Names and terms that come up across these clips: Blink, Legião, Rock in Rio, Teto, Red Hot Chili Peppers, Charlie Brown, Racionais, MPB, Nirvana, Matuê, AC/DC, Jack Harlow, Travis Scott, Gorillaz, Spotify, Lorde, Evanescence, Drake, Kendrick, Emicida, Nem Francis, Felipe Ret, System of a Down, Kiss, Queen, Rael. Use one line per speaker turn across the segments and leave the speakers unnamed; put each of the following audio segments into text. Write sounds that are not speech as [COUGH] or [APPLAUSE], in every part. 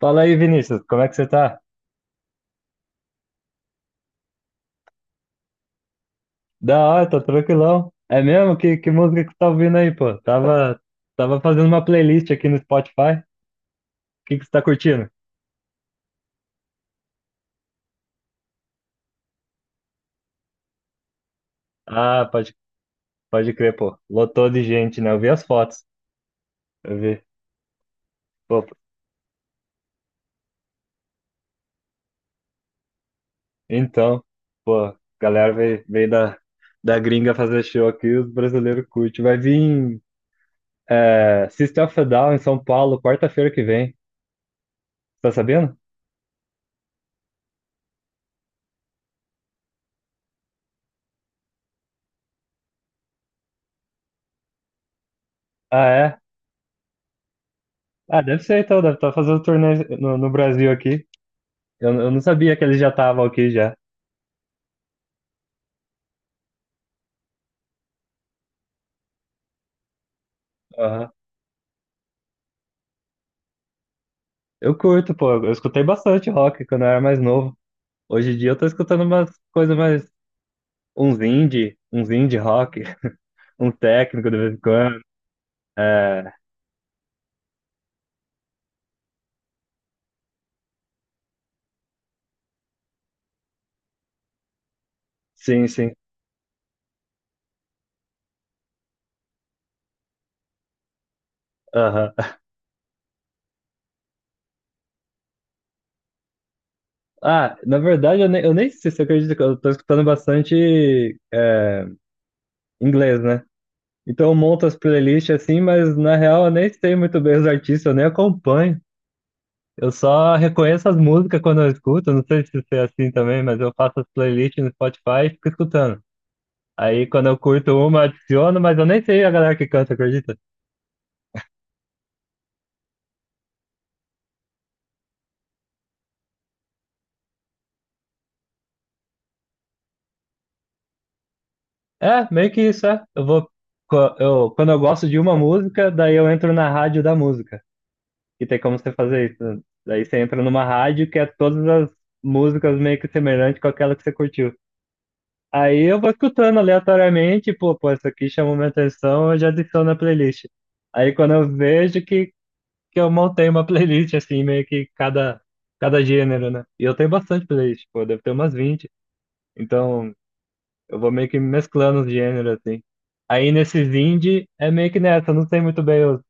Fala aí, Vinícius, como é que você tá? Da hora, tô tranquilão. É mesmo? Que música que você tá ouvindo aí, pô? Tava fazendo uma playlist aqui no Spotify. O que você tá curtindo? Ah, pode crer, pô. Lotou de gente, né? Eu vi as fotos. Eu vi. Pô, então, pô, a galera veio da, gringa fazer show aqui, os brasileiros curtem. Vai vir System of a Down em São Paulo, quarta-feira que vem. Tá sabendo? Ah, é? Ah, deve ser então, deve estar fazendo turnê no Brasil aqui. Eu não sabia que eles já estavam aqui já. Aham. Eu curto, pô. Eu escutei bastante rock quando eu era mais novo. Hoje em dia eu tô escutando umas coisas mais. Uns indie rock, [LAUGHS] um técnico de vez em quando. É, sim, sim. Aham. Ah, na verdade, eu nem sei se você acredita que eu tô escutando bastante inglês, né? Então eu monto as playlists assim, mas na real eu nem sei muito bem os artistas, eu nem acompanho. Eu só reconheço as músicas quando eu escuto, não sei se você é assim também, mas eu faço as playlists no Spotify e fico escutando. Aí quando eu curto uma, eu adiciono, mas eu nem sei a galera que canta, acredita? É, meio que isso, é. Eu vou, co- eu, quando eu gosto de uma música, daí eu entro na rádio da música. E tem como você fazer isso, né? Daí você entra numa rádio que é todas as músicas meio que semelhantes com aquela que você curtiu. Aí eu vou escutando aleatoriamente, pô, isso aqui chamou minha atenção, eu já adiciono na playlist. Aí quando eu vejo que eu montei uma playlist, assim, meio que cada gênero, né? E eu tenho bastante playlist, pô, deve ter umas 20. Então, eu vou meio que mesclando os gêneros, assim. Aí, nesses indie, é meio que nessa, eu não sei muito bem o,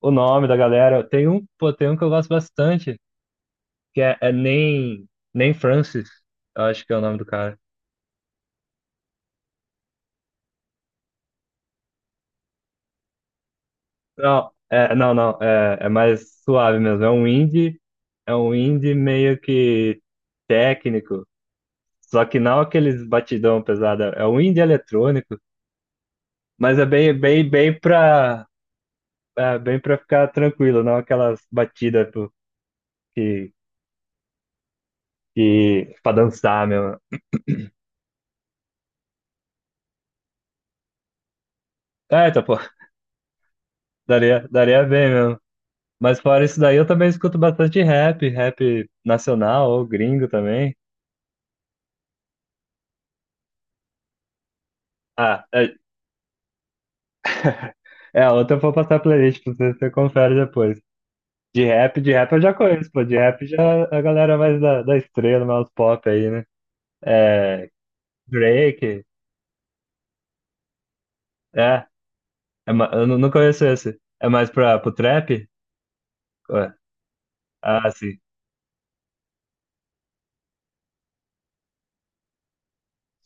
o nome da galera. Tem um, pô, tem um que eu gosto bastante, que é Nem Francis, eu acho que é o nome do cara. Não, é, não, não, é mais suave mesmo, é um indie meio que técnico. Só que não aqueles batidão pesado, é um indie eletrônico, mas é bem, bem, bem pra, é bem pra ficar tranquilo, não aquelas batidas pô, que, pra dançar mesmo. É, tá, pô, daria bem mesmo. Mas fora isso daí, eu também escuto bastante rap, rap nacional ou gringo também. Ah, é outra eu vou passar a playlist pra você, você confere depois. De rap eu já conheço, pô. De rap já é a galera mais da, estrela, mais pop aí, né? É, Drake, é, eu não conheço esse. É mais pra, pro trap? Ué, ah, sim,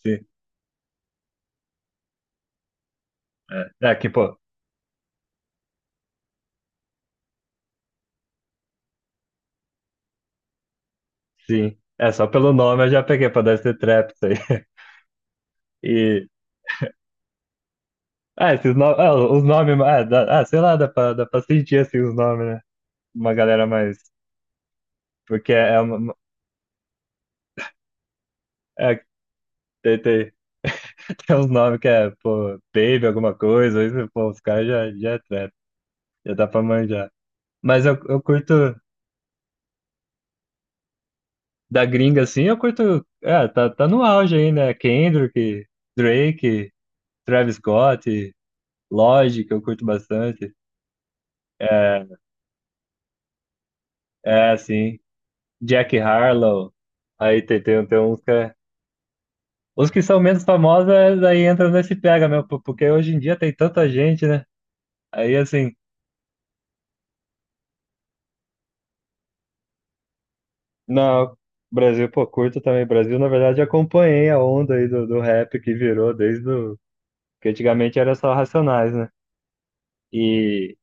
sim. É que, pô, sim. É, só pelo nome eu já peguei pra dar esse trap, isso aí. [LAUGHS] E, ah, esses nomes, ah, os nomes, ah, sei lá, dá pra sentir, assim, os nomes, né? Uma galera mais, porque é uma, é, tem, tem, [LAUGHS] tem uns nomes que é, pô, Baby, alguma coisa, isso, pô, os caras já é trap, já dá pra manjar. Mas eu curto, da gringa, assim, eu curto. É, tá no auge aí, né? Kendrick, Drake, Travis Scott, Lorde, que eu curto bastante. É, é assim, Jack Harlow. Aí tem uns que. Os que são menos famosos, é, aí entram nesse pega, meu, porque hoje em dia tem tanta gente, né? Aí assim, não, Brasil, pô, curto também. Brasil, na verdade, acompanhei a onda aí do rap que virou desde o. Que antigamente era só Racionais, né? E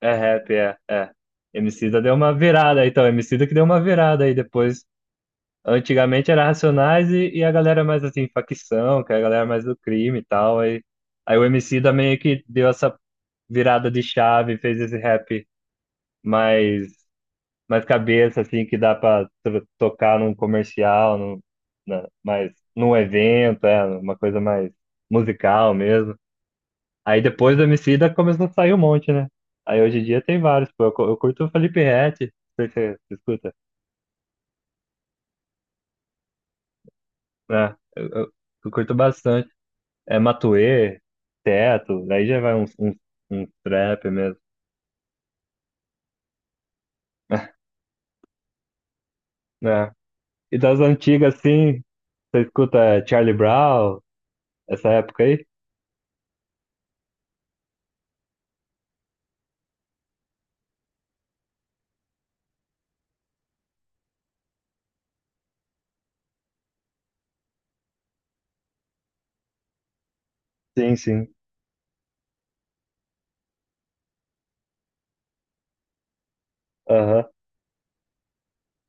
é rap, é, é. Emicida deu uma virada, então, Emicida que deu uma virada aí depois. Antigamente era Racionais e a galera mais assim, facção, que é a galera mais do crime e tal. Aí o Emicida meio que deu essa virada de chave, fez esse rap mais, mais cabeça, assim, que dá pra tocar num comercial, num, na, mais, num evento, é, uma coisa mais musical mesmo. Aí depois do Emicida começou a sair um monte, né? Aí hoje em dia tem vários, pô. Eu curto o Felipe Ret, você escuta, né? Eu curto bastante. É Matuê, Teto, aí já vai uns trap mesmo, né? E das antigas, assim, você escuta Charlie Brown, essa época aí? Sim, sim. Aham,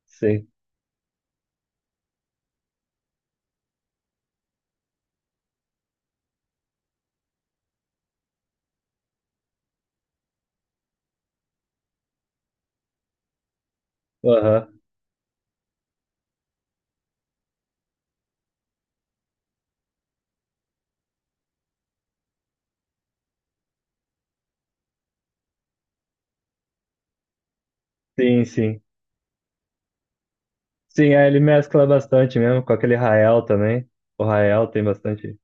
sim. Aham, sim, sim. Sim, aí ele mescla bastante mesmo, com aquele Rael também. O Rael tem bastante.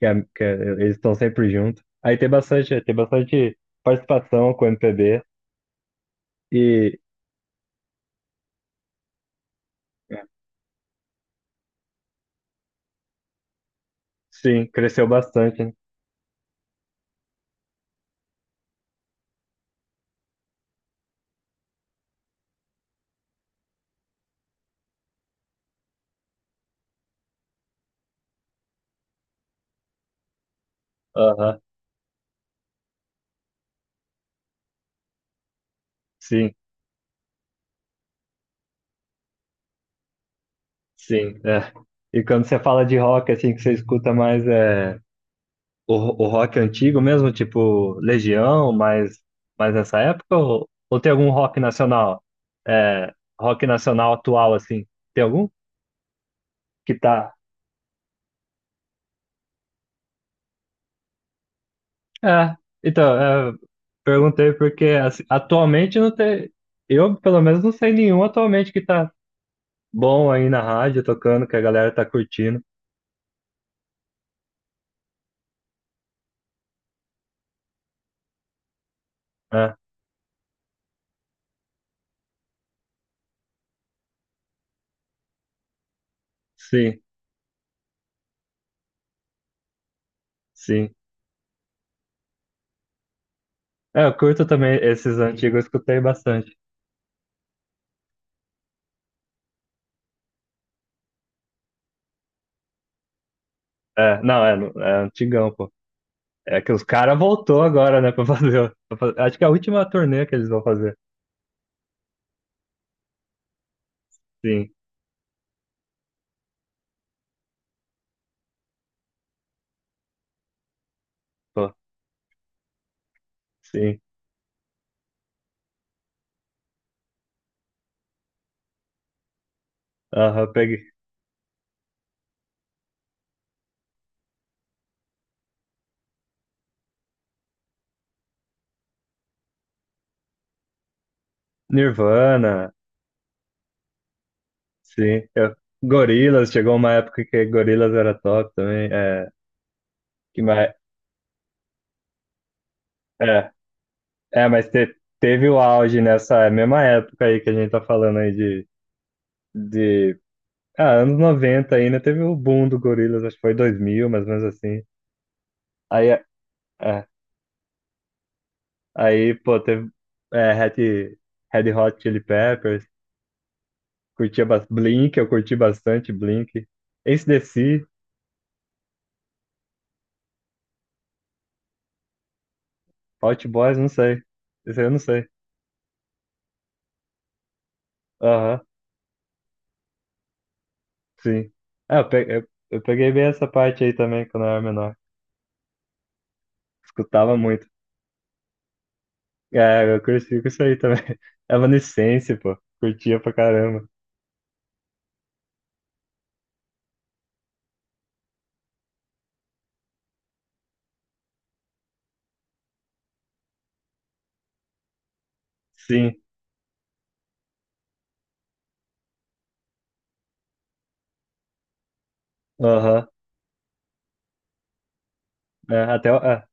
que, é- que é- Eles estão sempre juntos. Aí tem bastante participação com o MPB e sim, cresceu bastante, né? Aham, sim, sim. É. E quando você fala de rock, assim, que você escuta mais o, o rock antigo mesmo, tipo Legião, mais nessa época, ou tem algum rock nacional? É, rock nacional atual, assim, tem algum que tá. É, então, é, perguntei porque assim, atualmente não tem. Eu, pelo menos, não sei nenhum atualmente que tá bom aí na rádio, tocando, que a galera tá curtindo. É, sim, sim. É, eu curto também esses antigos, eu escutei bastante. É, não, é, é antigão, pô. É que os caras voltou agora, né, pra fazer. Acho que é a última turnê que eles vão fazer. Sim, pô, sim. Aham, peguei. Nirvana, sim. Gorillaz, chegou uma época que Gorillaz era top também. Que mais, é, mas teve o auge nessa mesma época aí que a gente tá falando aí de anos 90 ainda, teve o boom do Gorillaz, acho que foi 2000, mais ou menos assim. Aí, é, aí pô, teve é, Red, Red Hot Chili Peppers, curtia Blink, eu curti bastante Blink. AC/DC, Hot Boys, não sei. Esse aí eu não sei. Aham, sim. É, eu peguei bem essa parte aí também quando eu era menor. Escutava muito. É, eu cresci com isso aí também. [LAUGHS] Evanescence, pô. Curtia pra caramba. Sim, aham. É, até, o- é,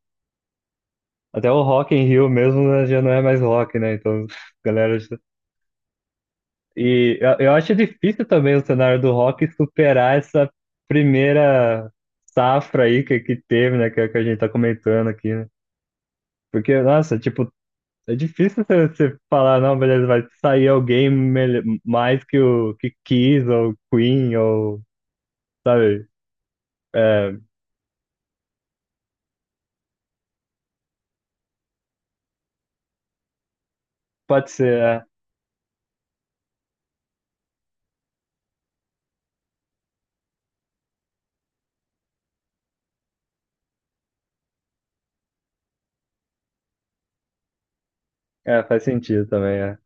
até o Rock in Rio mesmo, né, já não é mais rock, né? Então, [LAUGHS] galera. E eu acho difícil também o cenário do rock superar essa primeira safra aí que teve, né? Que a gente tá comentando aqui, né? Porque, nossa, tipo, é difícil você falar, não, beleza, vai sair alguém mais que o que Kiss ou Queen ou, sabe? É, pode ser, é. É, faz sentido também, é.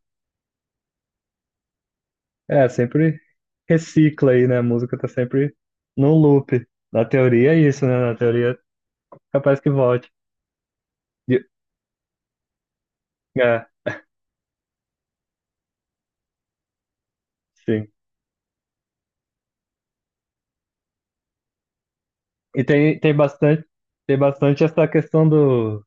É, sempre recicla aí, né? A música tá sempre no loop. Na teoria é isso, né? Na teoria, capaz que volte. E- é, sim. E tem bastante essa questão do.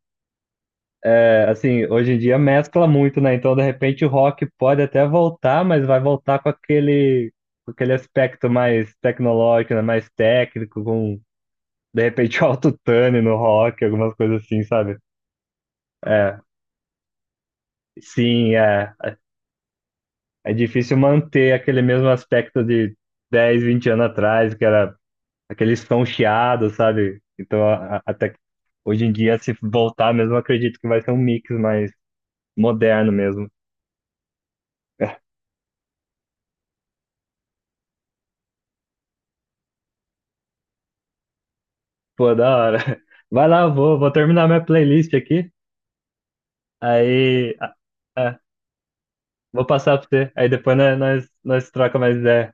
Assim, hoje em dia mescla muito, né? Então, de repente, o rock pode até voltar, mas vai voltar com aquele, aspecto mais tecnológico, né? Mais técnico, com, de repente, [LAUGHS] autotune no rock, algumas coisas assim, sabe? É. Sim, é difícil manter aquele mesmo aspecto de 10 20 anos atrás, que era aquele som chiado, sabe? Então, até que hoje em dia, se voltar mesmo, eu acredito que vai ser um mix mais moderno mesmo. [LAUGHS] Pô, da hora. [LAUGHS] Vai lá, vou terminar minha playlist aqui, aí é, vou passar pra você, aí depois nós troca mais ideia.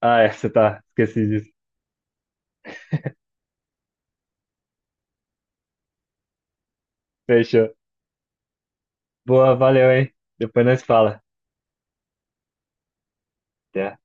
Ah, é, você tá, esqueci disso. Fechou. Boa, valeu, hein? Depois nós fala. Até.